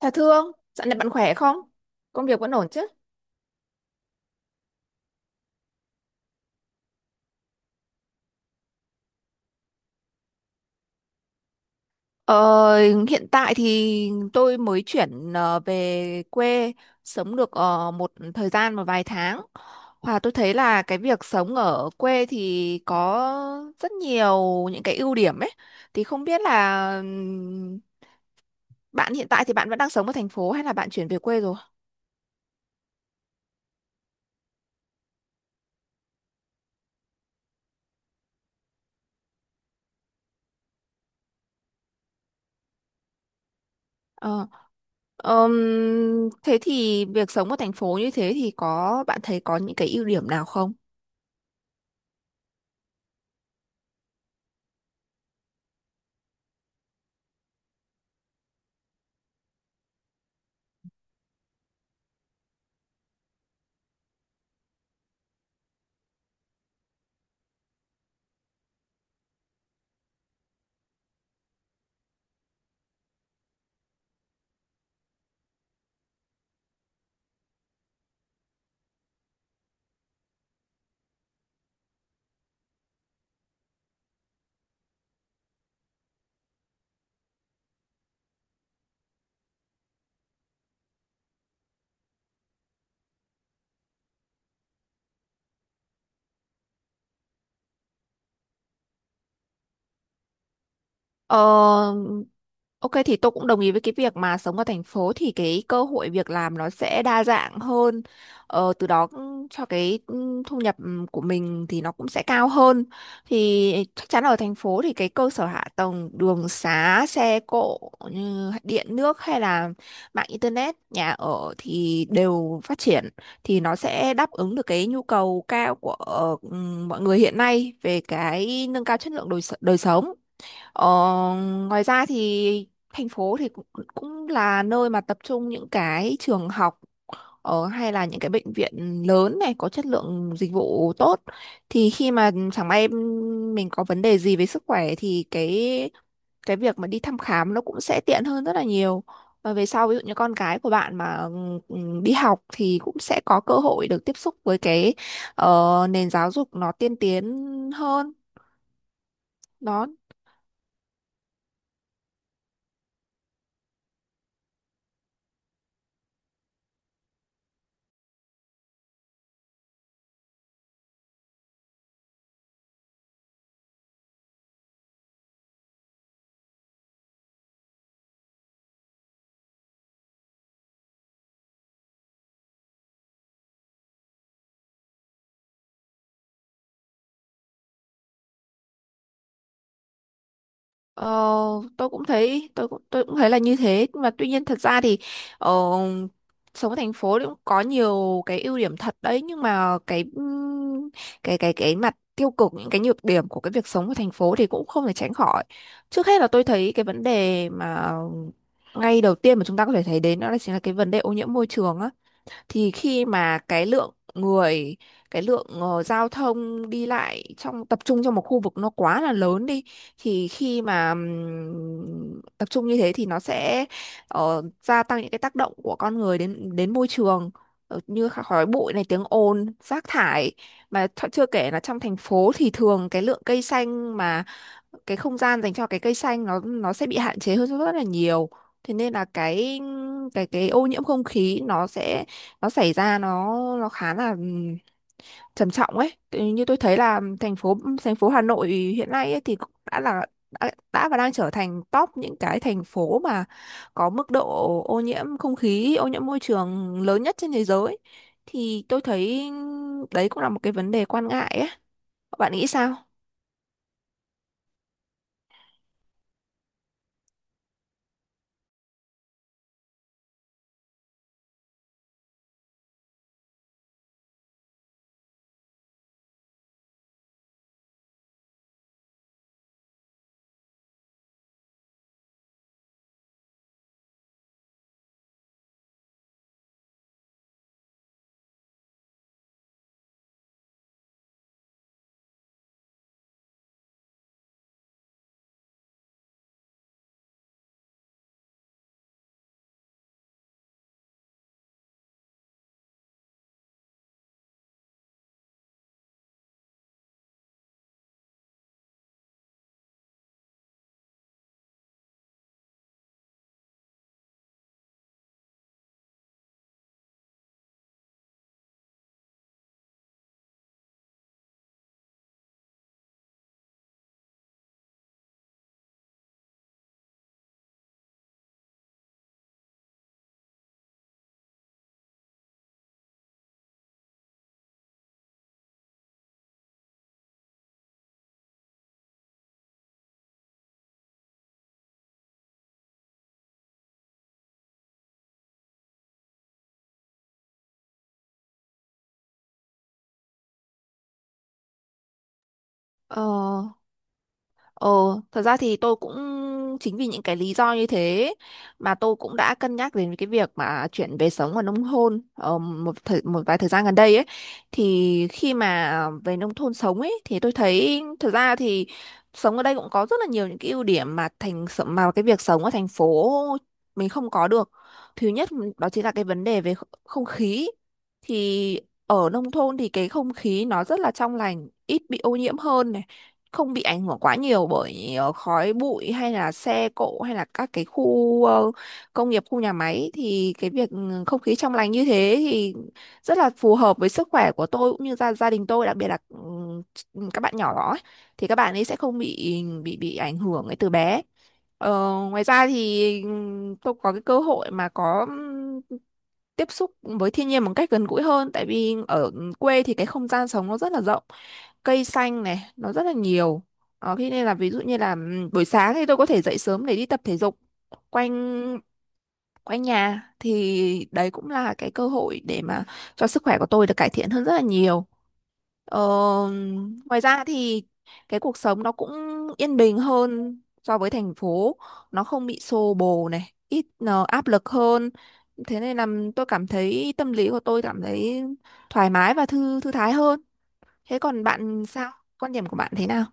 Thà Thương, dạo này bạn khỏe không? Công việc vẫn ổn chứ? Ờ, Hiện tại thì tôi mới chuyển về quê sống được một thời gian, một vài tháng. Và tôi thấy là cái việc sống ở quê thì có rất nhiều những cái ưu điểm ấy. Thì không biết là bạn hiện tại thì bạn vẫn đang sống ở thành phố hay là bạn chuyển về quê rồi? Ờ, Thế thì việc sống ở thành phố như thế thì có bạn thấy có những cái ưu điểm nào không? Ờ, ok, thì tôi cũng đồng ý với cái việc mà sống ở thành phố thì cái cơ hội việc làm nó sẽ đa dạng hơn. Từ đó cũng cho cái thu nhập của mình thì nó cũng sẽ cao hơn. Thì chắc chắn ở thành phố thì cái cơ sở hạ tầng đường xá, xe cộ như điện nước hay là mạng internet, nhà ở thì đều phát triển, thì nó sẽ đáp ứng được cái nhu cầu cao của ừ, mọi người hiện nay về cái nâng cao chất lượng đời sống. Ờ, Ngoài ra thì thành phố thì cũng là nơi mà tập trung những cái trường học hay là những cái bệnh viện lớn này có chất lượng dịch vụ tốt, thì khi mà chẳng may mình có vấn đề gì về sức khỏe thì cái việc mà đi thăm khám nó cũng sẽ tiện hơn rất là nhiều. Và về sau ví dụ như con cái của bạn mà ừ, đi học thì cũng sẽ có cơ hội được tiếp xúc với cái nền giáo dục nó tiên tiến hơn đó. Ờ, tôi cũng thấy là như thế, nhưng mà tuy nhiên thật ra thì ờ, sống ở thành phố thì cũng có nhiều cái ưu điểm thật đấy, nhưng mà cái mặt tiêu cực, những cái nhược điểm của cái việc sống ở thành phố thì cũng không thể tránh khỏi. Trước hết là tôi thấy cái vấn đề mà ngay đầu tiên mà chúng ta có thể thấy đến, đó là chính là cái vấn đề ô nhiễm môi trường á. Thì khi mà cái lượng người, cái lượng giao thông đi lại, trong tập trung trong một khu vực nó quá là lớn đi, thì khi mà tập trung như thế thì nó sẽ gia tăng những cái tác động của con người đến đến môi trường. Như khói bụi này, tiếng ồn, rác thải, mà chưa kể là trong thành phố thì thường cái lượng cây xanh, mà cái không gian dành cho cái cây xanh nó sẽ bị hạn chế hơn rất là nhiều. Thế nên là cái ô nhiễm không khí nó sẽ, nó xảy ra, nó khá là trầm trọng ấy. Như tôi thấy là thành phố Hà Nội hiện nay ấy, thì cũng đã và đang trở thành top những cái thành phố mà có mức độ ô nhiễm không khí, ô nhiễm môi trường lớn nhất trên thế giới. Thì tôi thấy đấy cũng là một cái vấn đề quan ngại ấy. Bạn nghĩ sao? Ờ Ờ, Thật ra thì tôi cũng, chính vì những cái lý do như thế mà tôi cũng đã cân nhắc đến cái việc mà chuyển về sống ở nông thôn một vài thời gian gần đây ấy. Thì khi mà về nông thôn sống ấy thì tôi thấy thật ra thì sống ở đây cũng có rất là nhiều những cái ưu điểm mà cái việc sống ở thành phố mình không có được. Thứ nhất đó chính là cái vấn đề về không khí. Thì ở nông thôn thì cái không khí nó rất là trong lành, ít bị ô nhiễm hơn này, không bị ảnh hưởng quá nhiều bởi khói bụi hay là xe cộ hay là các cái khu công nghiệp, khu nhà máy. Thì cái việc không khí trong lành như thế thì rất là phù hợp với sức khỏe của tôi cũng như gia gia đình tôi, đặc biệt là các bạn nhỏ đó ấy. Thì các bạn ấy sẽ không bị ảnh hưởng ấy từ bé. Ờ, Ngoài ra thì tôi có cái cơ hội mà có tiếp xúc với thiên nhiên một cách gần gũi hơn, tại vì ở quê thì cái không gian sống nó rất là rộng, cây xanh này nó rất là nhiều. Thế nên là ví dụ như là buổi sáng thì tôi có thể dậy sớm để đi tập thể dục quanh quanh nhà, thì đấy cũng là cái cơ hội để mà cho sức khỏe của tôi được cải thiện hơn rất là nhiều. Ờ, Ngoài ra thì cái cuộc sống nó cũng yên bình hơn so với thành phố, nó không bị xô bồ này, ít áp lực hơn. Thế nên là tôi cảm thấy tâm lý của tôi cảm thấy thoải mái và thư thư thái hơn. Thế còn bạn sao? Quan điểm của bạn thế nào?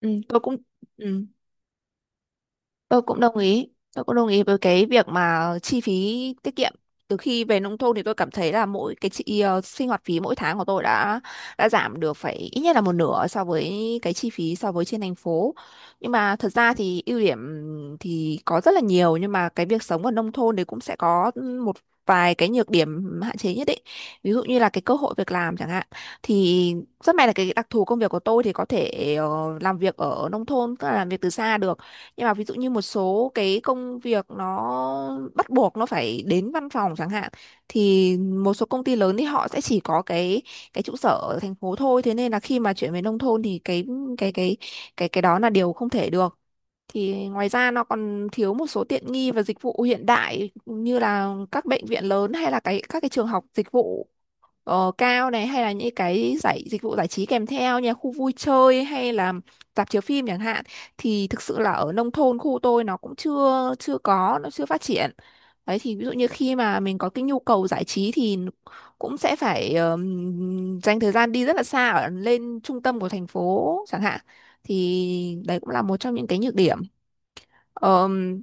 Ừ, ừ. Tôi cũng đồng ý. Tôi cũng đồng ý với cái việc mà chi phí tiết kiệm. Từ khi về nông thôn thì tôi cảm thấy là mỗi cái sinh hoạt phí mỗi tháng của tôi đã giảm được phải ít nhất là một nửa so với cái chi phí, so với trên thành phố. Nhưng mà thật ra thì ưu điểm thì có rất là nhiều, nhưng mà cái việc sống ở nông thôn thì cũng sẽ có một vài cái nhược điểm hạn chế nhất định. Ví dụ như là cái cơ hội việc làm chẳng hạn. Thì rất may là cái đặc thù công việc của tôi thì có thể làm việc ở nông thôn, tức là làm việc từ xa được. Nhưng mà ví dụ như một số cái công việc nó bắt buộc nó phải đến văn phòng chẳng hạn, thì một số công ty lớn thì họ sẽ chỉ có cái trụ sở ở thành phố thôi. Thế nên là khi mà chuyển về nông thôn thì cái cái cái đó là điều không thể được. Thì ngoài ra nó còn thiếu một số tiện nghi và dịch vụ hiện đại như là các bệnh viện lớn hay là các cái trường học dịch vụ cao này, hay là những cái dịch vụ giải trí kèm theo như là khu vui chơi hay là rạp chiếu phim chẳng hạn. Thì thực sự là ở nông thôn khu tôi nó cũng chưa chưa có, nó chưa phát triển. Đấy, thì ví dụ như khi mà mình có cái nhu cầu giải trí thì cũng sẽ phải dành thời gian đi rất là xa, ở lên trung tâm của thành phố chẳng hạn. Thì đấy cũng là một trong những cái nhược điểm. Ờm,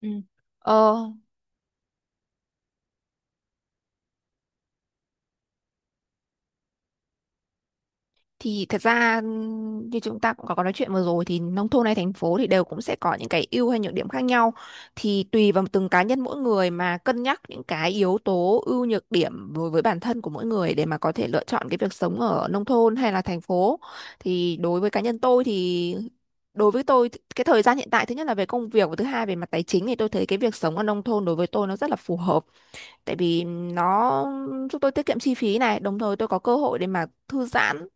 Ừ. Ờ, thì thật ra như chúng ta cũng có nói chuyện vừa rồi thì nông thôn hay thành phố thì đều cũng sẽ có những cái ưu hay nhược điểm khác nhau. Thì tùy vào từng cá nhân mỗi người mà cân nhắc những cái yếu tố ưu nhược điểm đối với bản thân của mỗi người để mà có thể lựa chọn cái việc sống ở nông thôn hay là thành phố. Thì đối với cá nhân tôi thì, đối với tôi thì cái thời gian hiện tại, thứ nhất là về công việc và thứ hai về mặt tài chính, thì tôi thấy cái việc sống ở nông thôn đối với tôi nó rất là phù hợp. Tại vì nó giúp tôi tiết kiệm chi phí này, đồng thời tôi có cơ hội để mà thư giãn.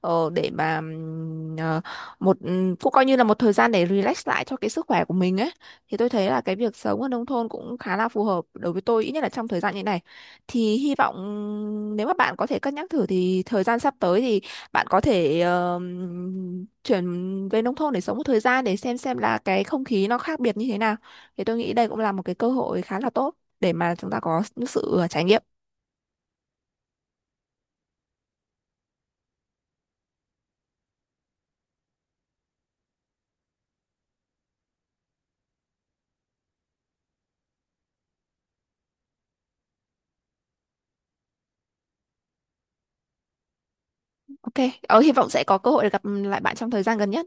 Ờ, để mà ờ, một Cũng coi như là một thời gian để relax lại cho cái sức khỏe của mình ấy. Thì tôi thấy là cái việc sống ở nông thôn cũng khá là phù hợp đối với tôi, ít nhất là trong thời gian như này. Thì hy vọng nếu mà bạn có thể cân nhắc thử thì thời gian sắp tới thì bạn có thể chuyển về nông thôn để sống một thời gian, để xem là cái không khí nó khác biệt như thế nào. Thì tôi nghĩ đây cũng là một cái cơ hội khá là tốt để mà chúng ta có những sự trải nghiệm. Ok, hy vọng sẽ có cơ hội để gặp lại bạn trong thời gian gần nhất.